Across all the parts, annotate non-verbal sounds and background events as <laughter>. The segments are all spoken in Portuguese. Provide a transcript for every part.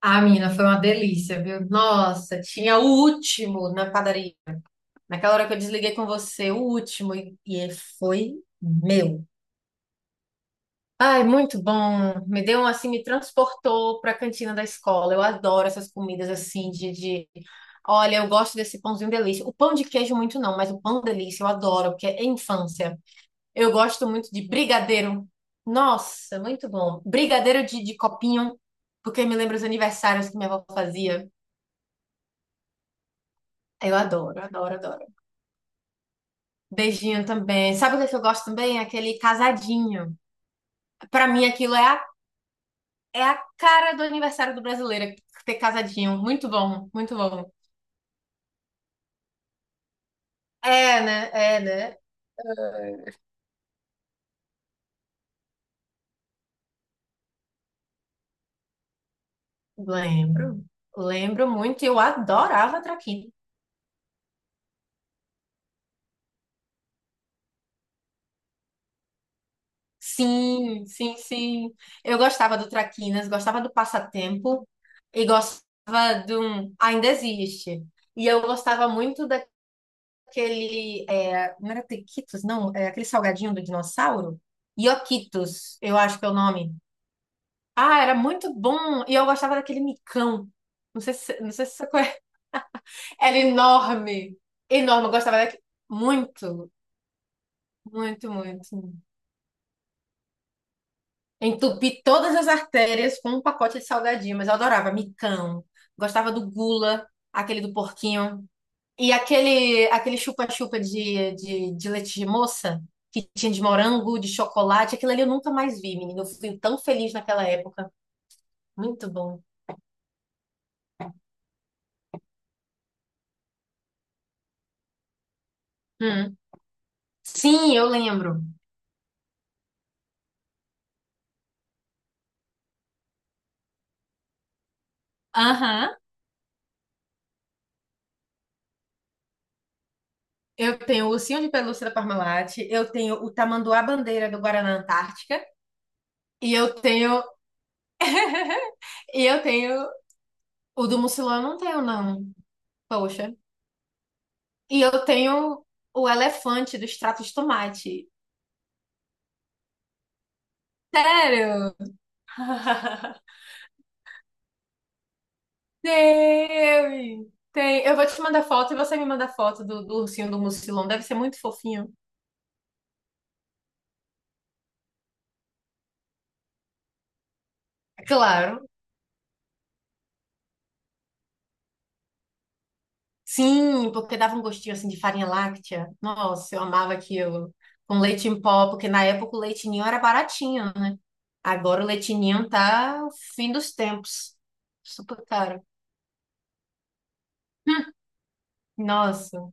Ah, menina, foi uma delícia, viu? Nossa, tinha o último na padaria. Naquela hora que eu desliguei com você, o último, e ele foi meu. Ai, muito bom. Me deu, assim, me transportou para a cantina da escola. Eu adoro essas comidas, assim. Olha, eu gosto desse pãozinho delícia. O pão de queijo muito não, mas o pão delícia eu adoro, porque é infância. Eu gosto muito de brigadeiro. Nossa, muito bom. Brigadeiro de copinho, porque me lembra os aniversários que minha avó fazia. Eu adoro, adoro, adoro. Beijinho também. Sabe o que é que eu gosto também? Aquele casadinho. Pra mim, aquilo é a, é a cara do aniversário do brasileiro, ter casadinho. Muito bom, muito bom. É, né? É, né? Lembro. Lembro muito. Eu adorava traquinas. Sim, sim, sim. Eu gostava do traquinas, gostava do passatempo e gostava de um... Ainda existe. E eu gostava muito aquele. É, não era Tequitos, não? É aquele salgadinho do dinossauro? Ioquitos, eu acho que é o nome. Ah, era muito bom. E eu gostava daquele micão. Não sei se você conhece. <laughs> Era enorme. Enorme. Eu gostava daquele. Muito, muito, muito. Entupi todas as artérias com um pacote de salgadinho, mas eu adorava micão. Gostava do gula, aquele do porquinho. E aquele chupa-chupa de leite de moça, que tinha de morango, de chocolate, aquilo ali eu nunca mais vi, menina. Eu fui tão feliz naquela época. Muito bom. Hum. Sim, eu lembro. Aham. Eu tenho o ursinho de pelúcia da Parmalat, eu tenho o tamanduá bandeira do Guaraná Antártica, e eu tenho <laughs> e eu tenho o do Mucilão, eu não tenho não. Poxa. E eu tenho o elefante do extrato de tomate. Sério? <laughs> Tem, tem. Eu vou te mandar foto e você me manda foto do ursinho do Mucilon. Deve ser muito fofinho. Claro. Sim, porque dava um gostinho assim de farinha láctea. Nossa, eu amava aquilo. Com leite em pó, porque na época o leite ninho era baratinho. Agora o leite ninho tá o fim dos tempos. Super caro. Hum. Nossa.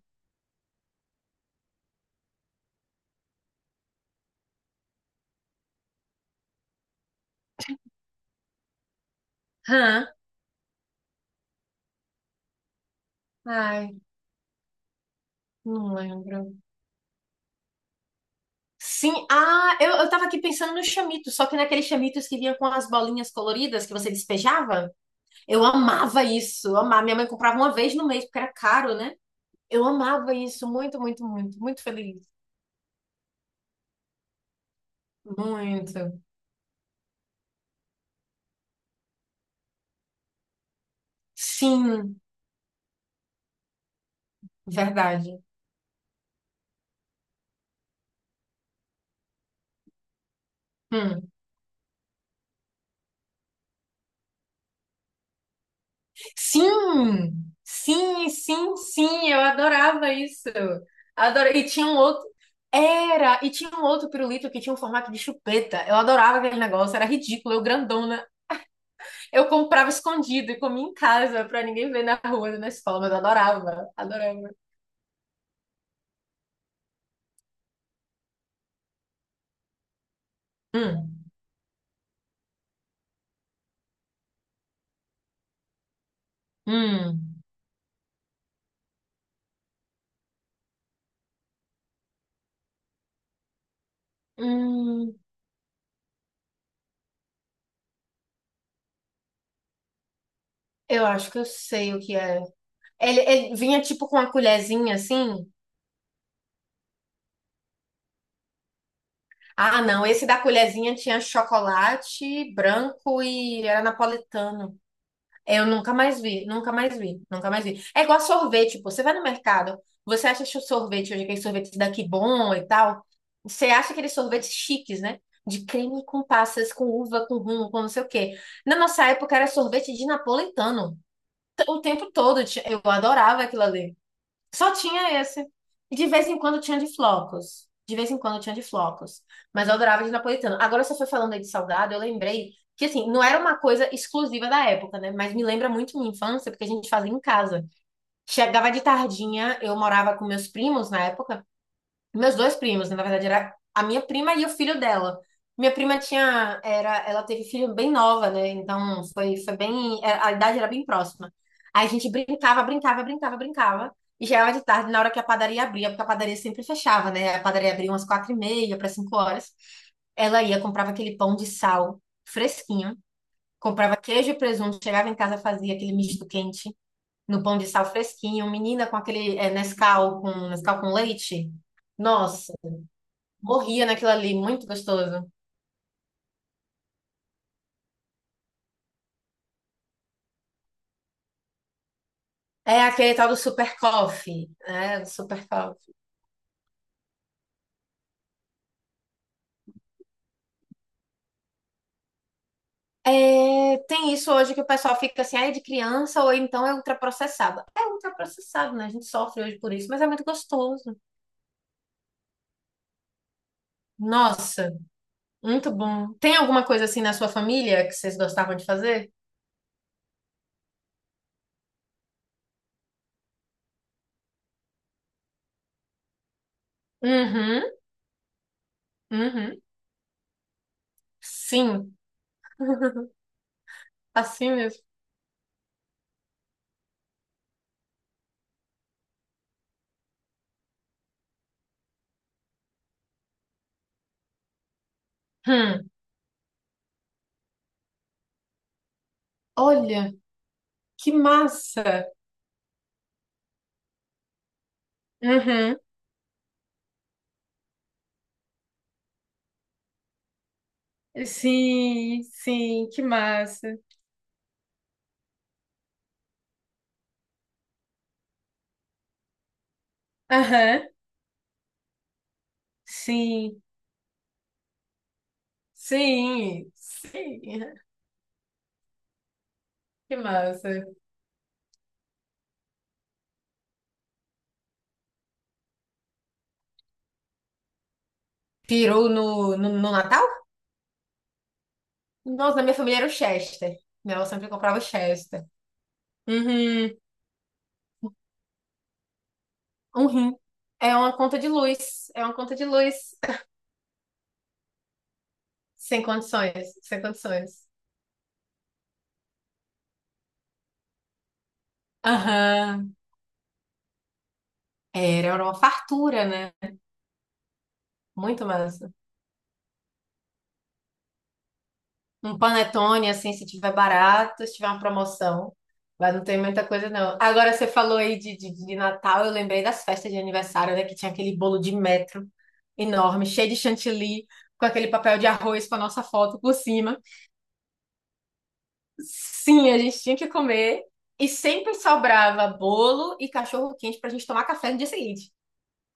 Hã? Ai, não lembro. Sim, ah, eu tava aqui pensando no chamitos, só que naqueles chamitos que vinha com as bolinhas coloridas que você despejava. Eu amava isso, eu amava. Minha mãe comprava uma vez no mês, porque era caro, né? Eu amava isso muito, muito, muito, muito feliz. Muito. Sim, verdade. Hum. Sim, sim, sim, sim, eu adorava isso. Adorava. E tinha um outro. Era, e tinha um outro pirulito que tinha um formato de chupeta. Eu adorava aquele negócio, era ridículo, eu grandona. Eu comprava escondido e comia em casa pra ninguém ver na rua, na escola, mas eu adorava, adorava. Hum, hum, hum. Eu acho que eu sei o que é. Ele vinha tipo com uma colherzinha assim. Ah, não, esse da colherzinha tinha chocolate branco e era napolitano. Eu nunca mais vi, nunca mais vi, nunca mais vi. É igual sorvete, pô. Você vai no mercado, você acha que o sorvete hoje, aquele sorvete daqui bom e tal. Você acha aqueles sorvetes chiques, né? De creme com passas, com uva, com rum, com não sei o quê. Na nossa época era sorvete de napolitano. O tempo todo, eu adorava aquilo ali. Só tinha esse. E de vez em quando tinha de flocos. De vez em quando tinha de flocos. Mas eu adorava de napolitano. Agora você foi falando aí de salgado, eu lembrei que, assim, não era uma coisa exclusiva da época, né? Mas me lembra muito minha infância, porque a gente fazia em casa. Chegava de tardinha, eu morava com meus primos na época, meus dois primos, né? Na verdade, era a minha prima e o filho dela. Minha prima tinha, era, ela teve filho bem nova, né? Então foi bem, a idade era bem próxima. Aí a gente brincava, brincava, brincava, brincava. E já era de tarde, na hora que a padaria abria, porque a padaria sempre fechava, né? A padaria abria umas 4h30 para cinco horas. Ela ia, comprava aquele pão de sal fresquinho, comprava queijo e presunto, chegava em casa, fazia aquele misto quente no pão de sal fresquinho, menina com aquele Nescau com leite. Nossa, morria naquilo ali, muito gostoso. É aquele tal do super coffee, né? Do super coffee. É, tem isso hoje que o pessoal fica assim, ah, é de criança ou então é ultraprocessado. É ultraprocessado, né? A gente sofre hoje por isso, mas é muito gostoso. Nossa, muito bom. Tem alguma coisa assim na sua família que vocês gostavam de fazer? Uhum, uhum. Sim, <laughs> assim mesmo. Hum, olha, que massa. Uhum. Sim, sim, que massa. Aham. Sim, sim, sim. Que massa. Peru no Natal? Nossa, na minha família era o Chester. Né? Eu sempre comprava o Chester. Uhum, um rim. É uma conta de luz. É uma conta de luz. Sem condições, sem condições. Aham. Era, era uma fartura, né? Muito massa. Um panetone, assim, se tiver barato, se tiver uma promoção. Mas não tem muita coisa, não. Agora, você falou aí de Natal, eu lembrei das festas de aniversário, né? Que tinha aquele bolo de metro enorme, cheio de chantilly, com aquele papel de arroz com a nossa foto por cima. Sim, a gente tinha que comer. E sempre sobrava bolo e cachorro quente pra gente tomar café no dia seguinte.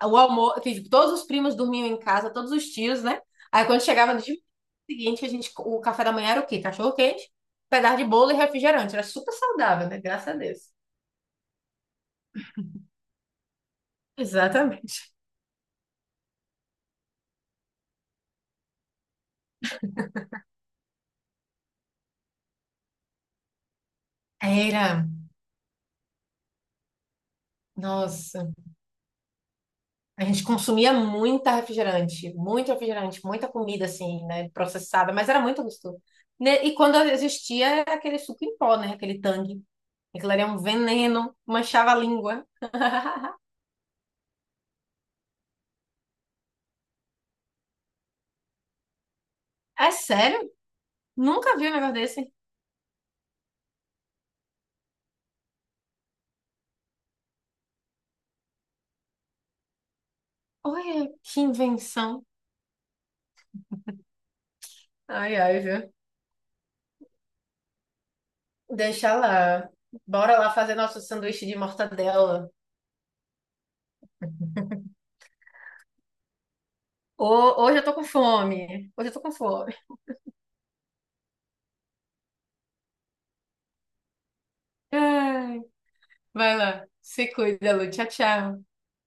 O almoço, que todos os primos dormiam em casa, todos os tios, né? Aí quando chegava de seguinte, a gente, o café da manhã era o quê? Cachorro quente, pedaço de bolo e refrigerante. Era super saudável, né? Graças a Deus. Exatamente. Era, nossa, a gente consumia muita refrigerante, muito refrigerante, muita comida assim, né, processada, mas era muito gostoso. Né, e quando existia era aquele suco em pó, né, aquele Tang. Aquilo era um veneno, manchava a língua. <laughs> É sério? Nunca vi um negócio desse. Olha, que invenção. Ai, ai, viu? Deixa lá. Bora lá fazer nosso sanduíche de mortadela. Hoje eu tô com fome. Hoje eu tô com fome. Ai, vai lá. Se cuida, Lu. Tchau, tchau.